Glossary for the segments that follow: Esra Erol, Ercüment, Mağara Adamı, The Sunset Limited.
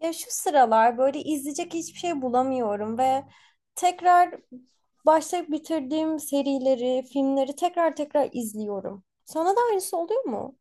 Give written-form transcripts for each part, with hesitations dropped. Ya şu sıralar böyle izleyecek hiçbir şey bulamıyorum ve tekrar başlayıp bitirdiğim serileri, filmleri tekrar tekrar izliyorum. Sana da aynısı oluyor mu?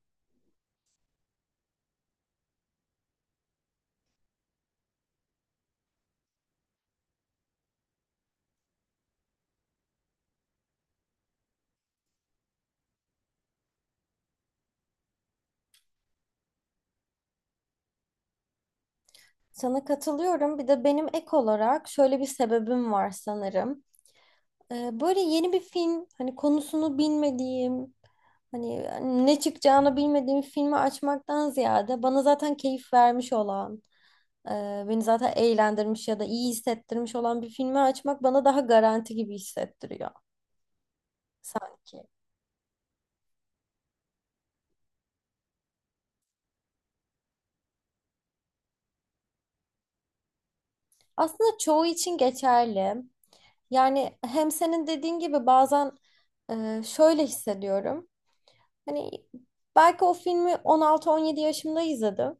Sana katılıyorum. Bir de benim ek olarak şöyle bir sebebim var sanırım. Böyle yeni bir film, hani konusunu bilmediğim, hani ne çıkacağını bilmediğim filmi açmaktan ziyade bana zaten keyif vermiş olan beni zaten eğlendirmiş ya da iyi hissettirmiş olan bir filmi açmak bana daha garanti gibi hissettiriyor sanki. Aslında çoğu için geçerli. Yani hem senin dediğin gibi bazen şöyle hissediyorum. Hani belki o filmi 16-17 yaşımda izledim.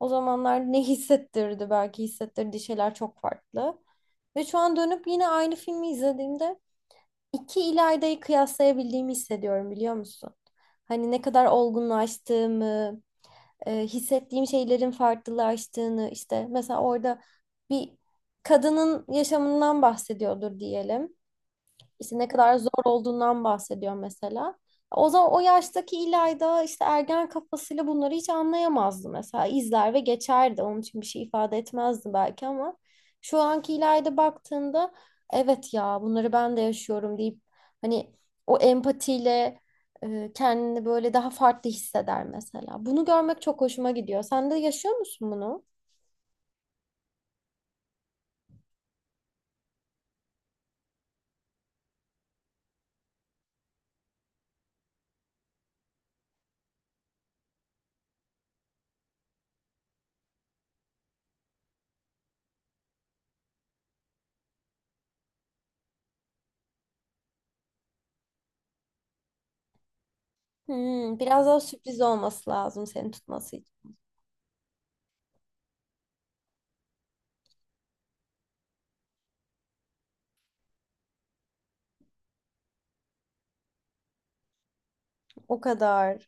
O zamanlar ne hissettirdi? Belki hissettirdiği şeyler çok farklı. Ve şu an dönüp yine aynı filmi izlediğimde iki İlayda'yı kıyaslayabildiğimi hissediyorum, biliyor musun? Hani ne kadar olgunlaştığımı, hissettiğim şeylerin farklılaştığını, işte mesela orada bir kadının yaşamından bahsediyordur diyelim. İşte ne kadar zor olduğundan bahsediyor mesela. O zaman o yaştaki İlayda işte ergen kafasıyla bunları hiç anlayamazdı mesela. İzler ve geçerdi. Onun için bir şey ifade etmezdi belki, ama şu anki İlayda baktığında evet ya bunları ben de yaşıyorum deyip hani o empatiyle kendini böyle daha farklı hisseder mesela. Bunu görmek çok hoşuma gidiyor. Sen de yaşıyor musun bunu? Biraz daha sürpriz olması lazım seni tutması için. O kadar.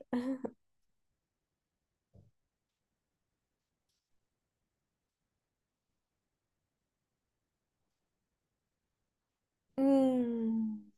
Hmm.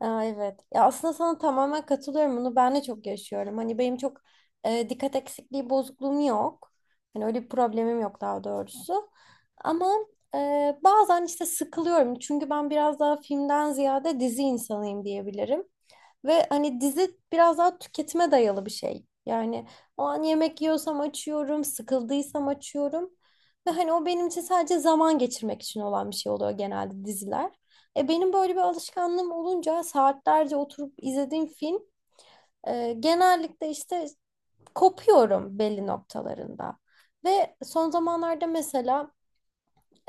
Aa, evet. Ya aslında sana tamamen katılıyorum. Bunu ben de çok yaşıyorum. Hani benim çok dikkat eksikliği bozukluğum yok. Hani öyle bir problemim yok, daha doğrusu. Ama bazen işte sıkılıyorum. Çünkü ben biraz daha filmden ziyade dizi insanıyım diyebilirim. Ve hani dizi biraz daha tüketime dayalı bir şey. Yani o an yemek yiyorsam açıyorum, sıkıldıysam açıyorum. Ve hani o benim için sadece zaman geçirmek için olan bir şey oluyor, genelde diziler. E benim böyle bir alışkanlığım olunca saatlerce oturup izlediğim film genellikle işte kopuyorum belli noktalarında. Ve son zamanlarda mesela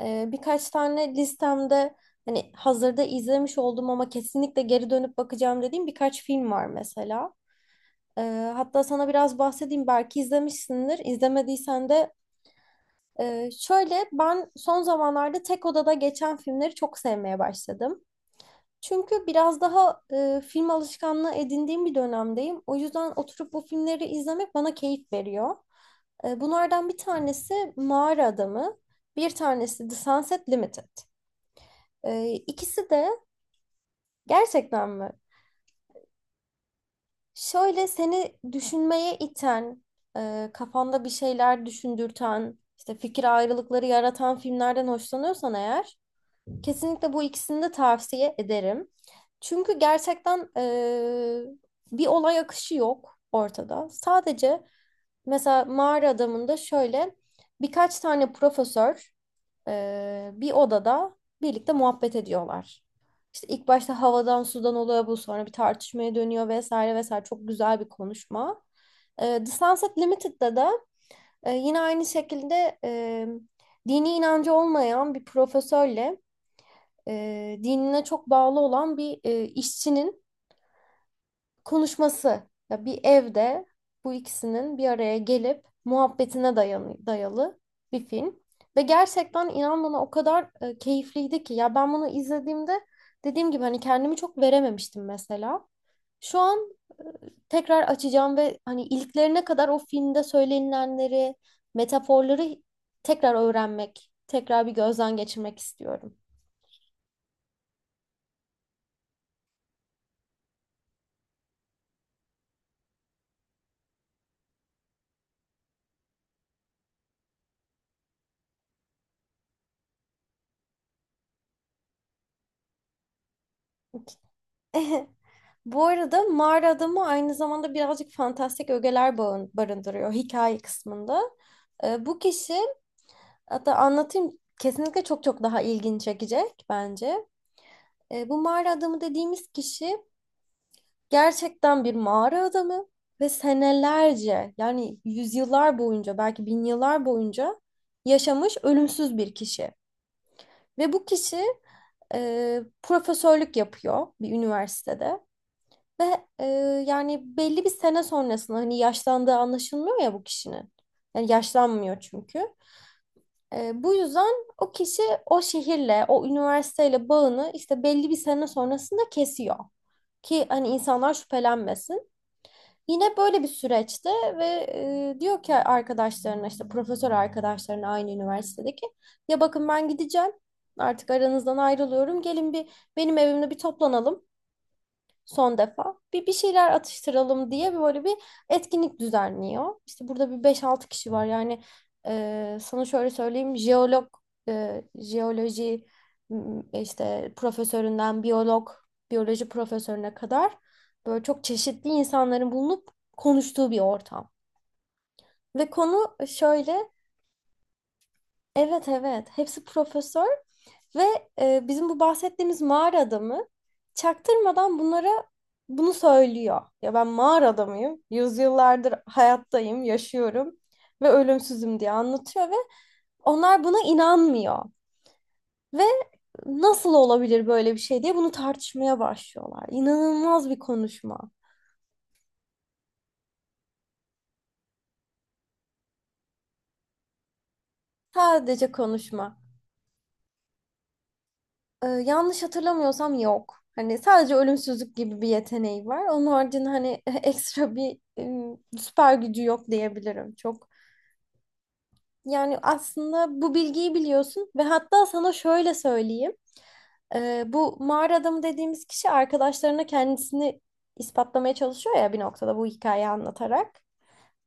birkaç tane listemde hani hazırda izlemiş olduğum ama kesinlikle geri dönüp bakacağım dediğim birkaç film var mesela. Hatta sana biraz bahsedeyim, belki izlemişsindir. İzlemediysen de şöyle, ben son zamanlarda tek odada geçen filmleri çok sevmeye başladım. Çünkü biraz daha film alışkanlığı edindiğim bir dönemdeyim. O yüzden oturup bu filmleri izlemek bana keyif veriyor. Bunlardan bir tanesi Mağara Adamı, bir tanesi The Sunset Limited. İkisi de gerçekten mi? Şöyle, seni düşünmeye iten, kafanda bir şeyler düşündürten, işte fikir ayrılıkları yaratan filmlerden hoşlanıyorsan eğer, kesinlikle bu ikisini de tavsiye ederim. Çünkü gerçekten bir olay akışı yok ortada. Sadece mesela Mağara Adamı'nda şöyle birkaç tane profesör bir odada birlikte muhabbet ediyorlar. İşte ilk başta havadan sudan oluyor bu, sonra bir tartışmaya dönüyor vesaire vesaire, çok güzel bir konuşma. The Sunset Limited'da da yine aynı şekilde dini inancı olmayan bir profesörle dinine çok bağlı olan bir işçinin konuşması. Ya bir evde bu ikisinin bir araya gelip muhabbetine dayalı bir film. Ve gerçekten inan bana o kadar keyifliydi ki. Ya ben bunu izlediğimde dediğim gibi hani kendimi çok verememiştim mesela. Şu an tekrar açacağım ve hani iliklerine kadar o filmde söylenilenleri, metaforları tekrar öğrenmek, tekrar bir gözden geçirmek istiyorum. Bu arada Mağara Adamı aynı zamanda birazcık fantastik ögeler barındırıyor hikaye kısmında. Bu kişi hatta anlatayım, kesinlikle çok çok daha ilgini çekecek bence. Bu mağara adamı dediğimiz kişi gerçekten bir mağara adamı ve senelerce, yani yüzyıllar boyunca, belki bin yıllar boyunca yaşamış ölümsüz bir kişi. Ve bu kişi profesörlük yapıyor bir üniversitede. Ve yani belli bir sene sonrasında hani yaşlandığı anlaşılmıyor ya bu kişinin. Yani yaşlanmıyor çünkü. Bu yüzden o kişi o şehirle, o üniversiteyle bağını işte belli bir sene sonrasında kesiyor. Ki hani insanlar şüphelenmesin. Yine böyle bir süreçte ve diyor ki arkadaşlarına, işte profesör arkadaşlarına aynı üniversitedeki, ya bakın ben gideceğim, artık aranızdan ayrılıyorum, gelin bir benim evimde bir toplanalım son defa. Bir şeyler atıştıralım diye böyle bir etkinlik düzenliyor. İşte burada bir beş altı kişi var. Yani sana şöyle söyleyeyim. Jeolog, jeoloji m, işte profesöründen biyolog, biyoloji profesörüne kadar böyle çok çeşitli insanların bulunup konuştuğu bir ortam. Ve konu şöyle. Evet evet, hepsi profesör ve bizim bu bahsettiğimiz mağara adamı çaktırmadan bunlara bunu söylüyor. Ya ben mağara adamıyım, yüzyıllardır hayattayım, yaşıyorum ve ölümsüzüm diye anlatıyor ve onlar buna inanmıyor. Ve nasıl olabilir böyle bir şey diye bunu tartışmaya başlıyorlar. İnanılmaz bir konuşma. Sadece konuşma. Yanlış hatırlamıyorsam yok. Hani sadece ölümsüzlük gibi bir yeteneği var. Onun haricinde hani ekstra bir süper gücü yok diyebilirim. Yani aslında bu bilgiyi biliyorsun ve hatta sana şöyle söyleyeyim. Bu mağara adamı dediğimiz kişi arkadaşlarına kendisini ispatlamaya çalışıyor ya bir noktada bu hikayeyi anlatarak.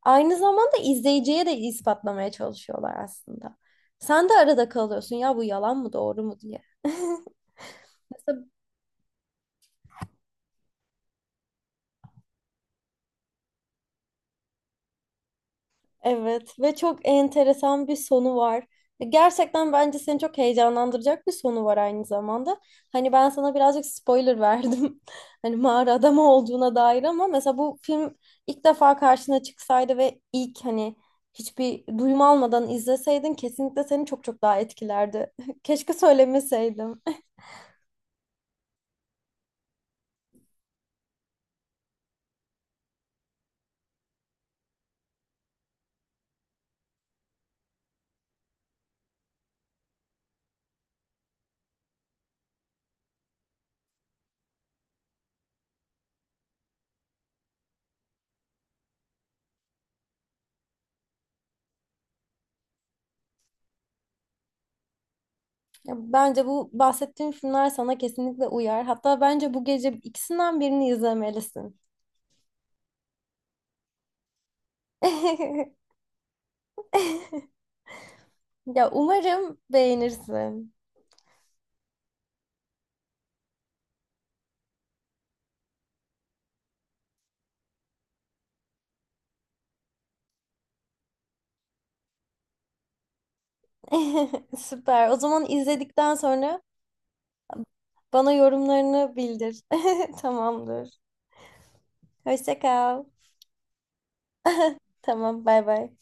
Aynı zamanda izleyiciye de ispatlamaya çalışıyorlar aslında. Sen de arada kalıyorsun ya, bu yalan mı doğru mu diye. Mesela Evet, ve çok enteresan bir sonu var. Gerçekten bence seni çok heyecanlandıracak bir sonu var aynı zamanda. Hani ben sana birazcık spoiler verdim. Hani mağara adamı olduğuna dair, ama mesela bu film ilk defa karşına çıksaydı ve ilk, hani hiçbir duyum almadan izleseydin, kesinlikle seni çok çok daha etkilerdi. Keşke söylemeseydim. Ya bence bu bahsettiğim filmler sana kesinlikle uyar. Hatta bence bu gece ikisinden birini izlemelisin. Ya umarım beğenirsin. Süper. O zaman izledikten sonra bana yorumlarını bildir. Tamamdır. Hoşça kal. Tamam, bay bay.